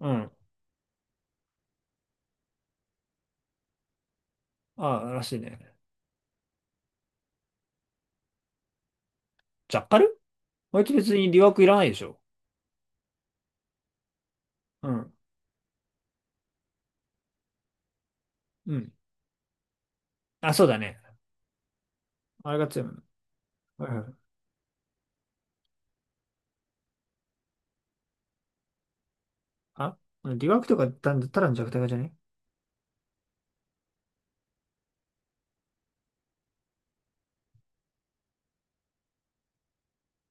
うん。ああ、らしいね。ジャッカル、あいつ別に留学いらないでしょ。うん。うん。あ、そうだね。あれが強いもんね。うん。あ、留学とかただただの弱体化じゃね？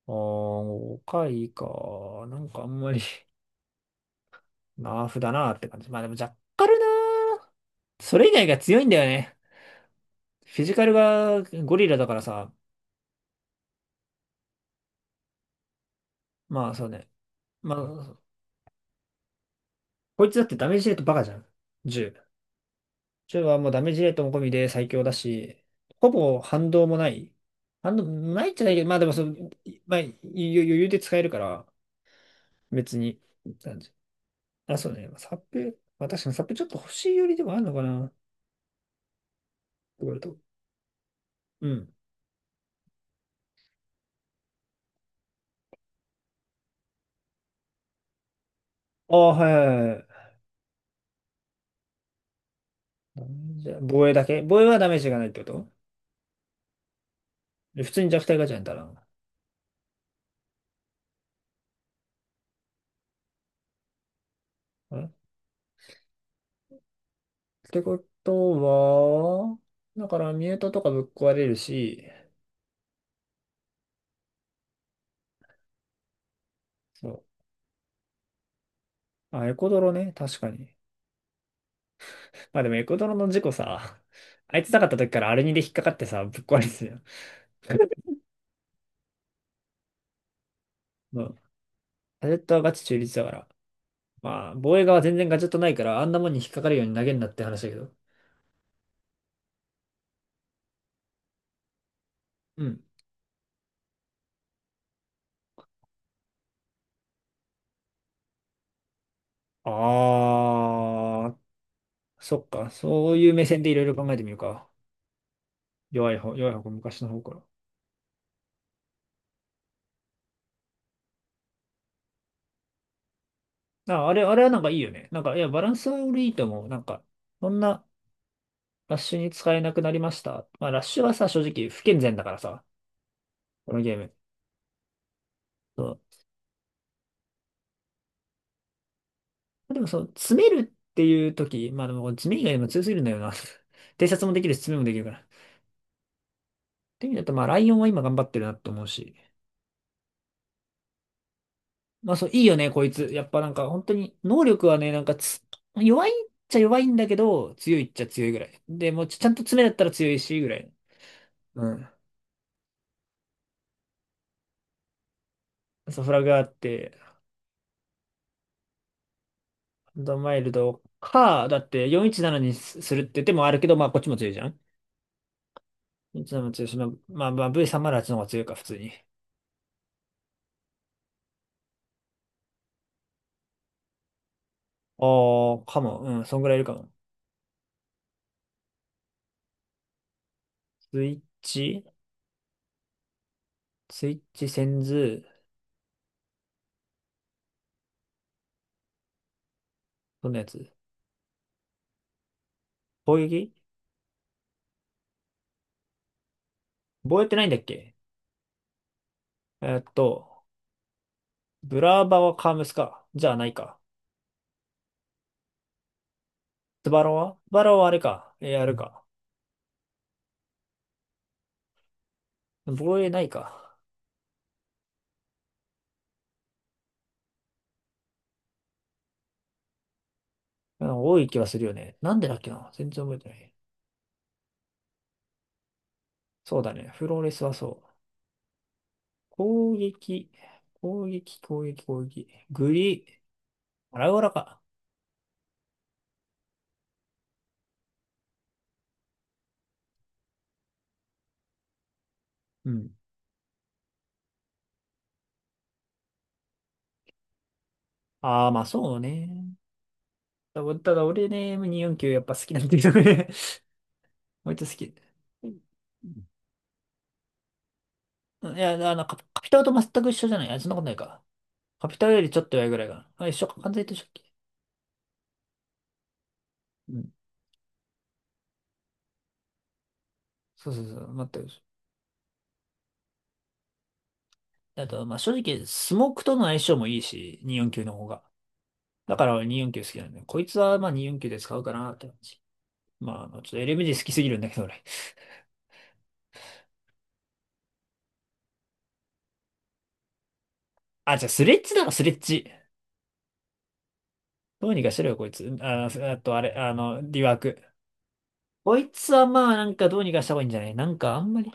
ああー、おかいか。なんかあんまり ナーフだなって感じ。まあでもジャッカルなー。それ以外が強いんだよね。フィジカルがゴリラだからさ。まあそうね。まあ、こいつだってダメージレートバカじゃん。銃ジョイはもうダメージレートも込みで最強だし、ほぼ反動もない。反動ないんじゃないけど、まあでもその、いまあ、余裕で使えるから、別に。なんじあ、そうね。サップ、まあ確かにサップちょっと欲しいよりでもあるのかな。って言われると。うん。ああ、はいはいはい。ダメージ防衛だけ、防衛はダメージがないってこと？で普通に弱体ガチャやたら。あれ、ってことは、だからミュートとかぶっ壊れるし、そう。あ、エコドロね。確かに。まあでもエコドロの事故さ、あいつなかった時からアルニで引っかかってさ、ぶっ壊れてたよ。うん。ガジェットはガチ中立だから。まあ、防衛側は全然ガジェットないから、あんなもんに引っかかるように投げんなって話だけど。うん。あー、そっか。そういう目線でいろいろ考えてみるか。弱い方、弱い方、昔の方から。あ、あれ、あれはなんかいいよね。なんか、いや、バランスは俺いいと思う。なんか、そんなラッシュに使えなくなりました。まあ、ラッシュはさ、正直不健全だからさ、このゲーム。でもそう、詰めるっていう時、まあでも詰め以外でも強すぎるんだよな。偵察もできるし、詰めもできるから。っていう意味だと、まあライオンは今頑張ってるなと思うし。まあそう、いいよね、こいつ。やっぱなんか本当に、能力はね、なんかつ、弱いっちゃ弱いんだけど、強いっちゃ強いぐらい。で、もうちちゃんと詰めだったら強いし、ぐらい。うん。そう、フラグがあって、ドマイルドか、だって417にすするって手もあるけど、まあこっちも強いじゃん。417も強いし、まあ V308 の方が強いか、普通に。ああ、かも。うん、そんぐらいいるかも。スイッチ、スイッチ、センズ、どんなやつ？攻撃、防衛ってないんだっけ？えーっと、ブラーバはカームスか。じゃあないか。スバロンはあれか。えー、あるか。防衛ないか。うん、多い気はするよね。なんでだっけな、全然覚えてない。そうだね。フローレスはそう。攻撃、攻撃。グリ、アラウラか。うん。ああ、まあそうね。ただ、ただ俺ね、M249 やっぱ好きなんだけどね。割と好き。いや、あの、カピタルと全く一緒じゃない？あ、そんなことないか。カピタルよりちょっと弱いぐらいかな。あ、一緒か。完全に一緒だっけ？うん。そうそうそう。全く一緒。あと、まあ、正直、スモークとの相性もいいし、249の方が。だから俺249好きなんだよ。こいつはまあ249で使うかなって感じ。まあ、あのちょっと LMG 好きすぎるんだけど俺。あ、じゃあスレッジだろ、スレッジ。どうにかしろよ、こいつ。あ、あと、あれ、あの、リワーク。こいつはまあ、なんかどうにかした方がいいんじゃない？なんかあんまり、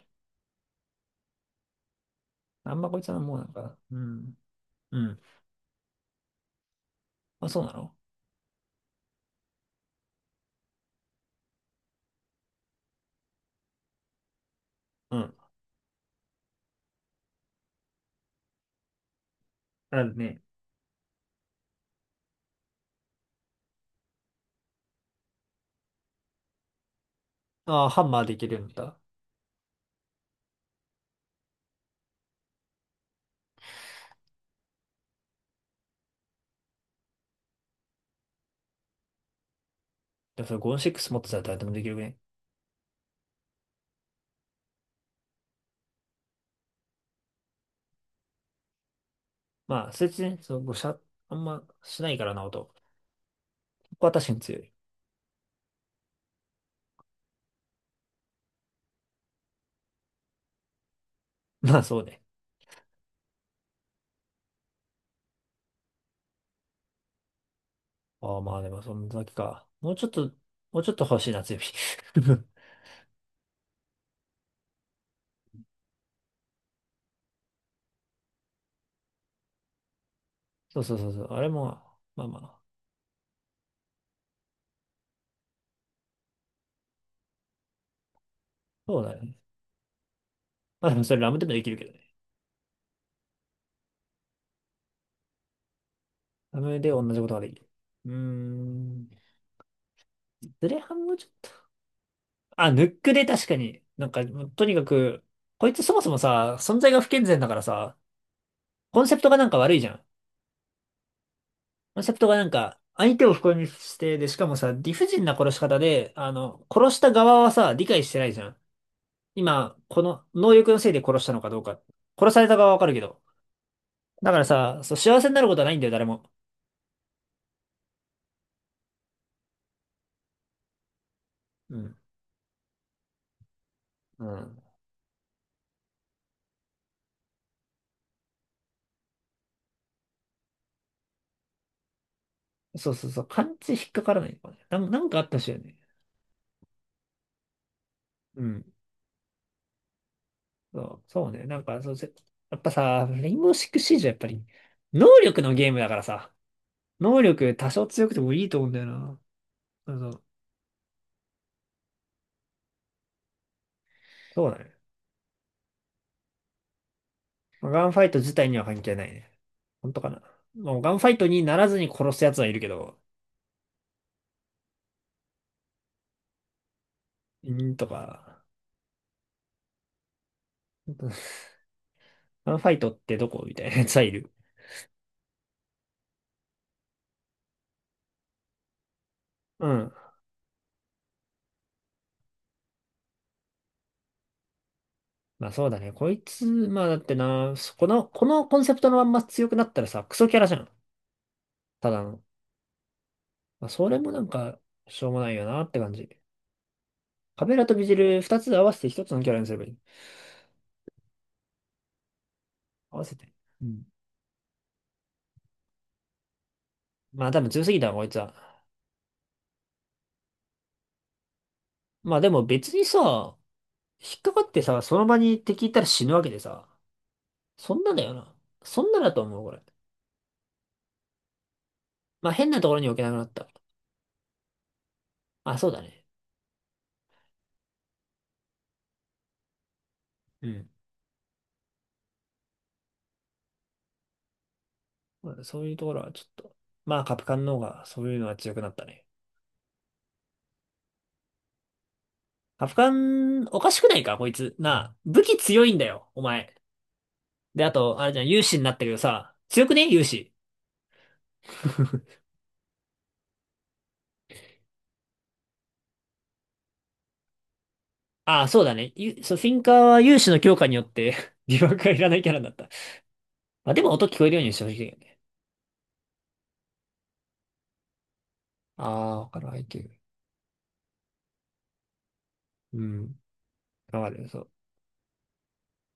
あんまこいつはもうなんか、うん。うん。まあ、そうなの？うん。あるね。ああ、ハンマーできるんだ。でもそれごーシックス持ってたら誰でもできるね。まあ、そいつね、その5射、あんましないからな、音。ここは確かに強い。まあ、そうね。ああ、まあ、でもそんだけか。もうちょっと、もうちょっと欲しいな、強火。そうそうそうそう。あれも、まあまあ、そうだよね。まあ、でもそれラムでもできるけどね。ラムで同じことができる。うーん。ズレハンもちょっと。あ、ヌックで確かに。なんか、もうとにかく、こいつそもそもさ、存在が不健全だからさ、コンセプトがなんか悪いじゃん。コンセプトがなんか、相手を不幸にして、で、しかもさ、理不尽な殺し方で、あの、殺した側はさ、理解してないじゃん。今、この能力のせいで殺したのかどうか。殺された側はわかるけど。だからさ、そう、幸せになることはないんだよ、誰も。うん。うん。そうそうそう。勘違い引っかからないのかね。なん、なんかあったしいよね。うん。そう、そうね。やっぱさ、レインボーシックスシージはやっぱり、能力のゲームだからさ、能力多少強くてもいいと思うんだよな。そうそう。そうだね。まあガンファイト自体には関係ないね。本当かな。もうガンファイトにならずに殺す奴はいるけど、んーとか、ガンファイトってどこ、みたいな奴はいる。うん。まあそうだね。こいつ、まあだってな、そこの、このコンセプトのまんま強くなったらさ、クソキャラじゃん。ただの。まあそれもなんか、しょうもないよなって感じ。カベラとビジル二つ合わせて一つのキャラにすればいい。合わせて。うん。まあ多分強すぎたわ、こいつは。まあでも別にさ、引っかかってさ、その場に敵いたら死ぬわけでさ。そんなだよな。そんなだと思う、これ。まあ変なところに置けなくなった。あ、そうだね。うん。まあそういうところはちょっと。まあカプカンの方がそういうのは強くなったね。カプカン、おかしくないか、こいつ。なあ、武器強いんだよ、お前。で、あと、あれじゃん、勇士になったけどさ、強くね勇士。ああ、そうだね。ゆそう、フィンカーは勇士の強化によって 疑惑がいらないキャラになった。まあでも音聞こえるようにしてほしいよね。ああ、わかる、IQ。うん。わかる、そう。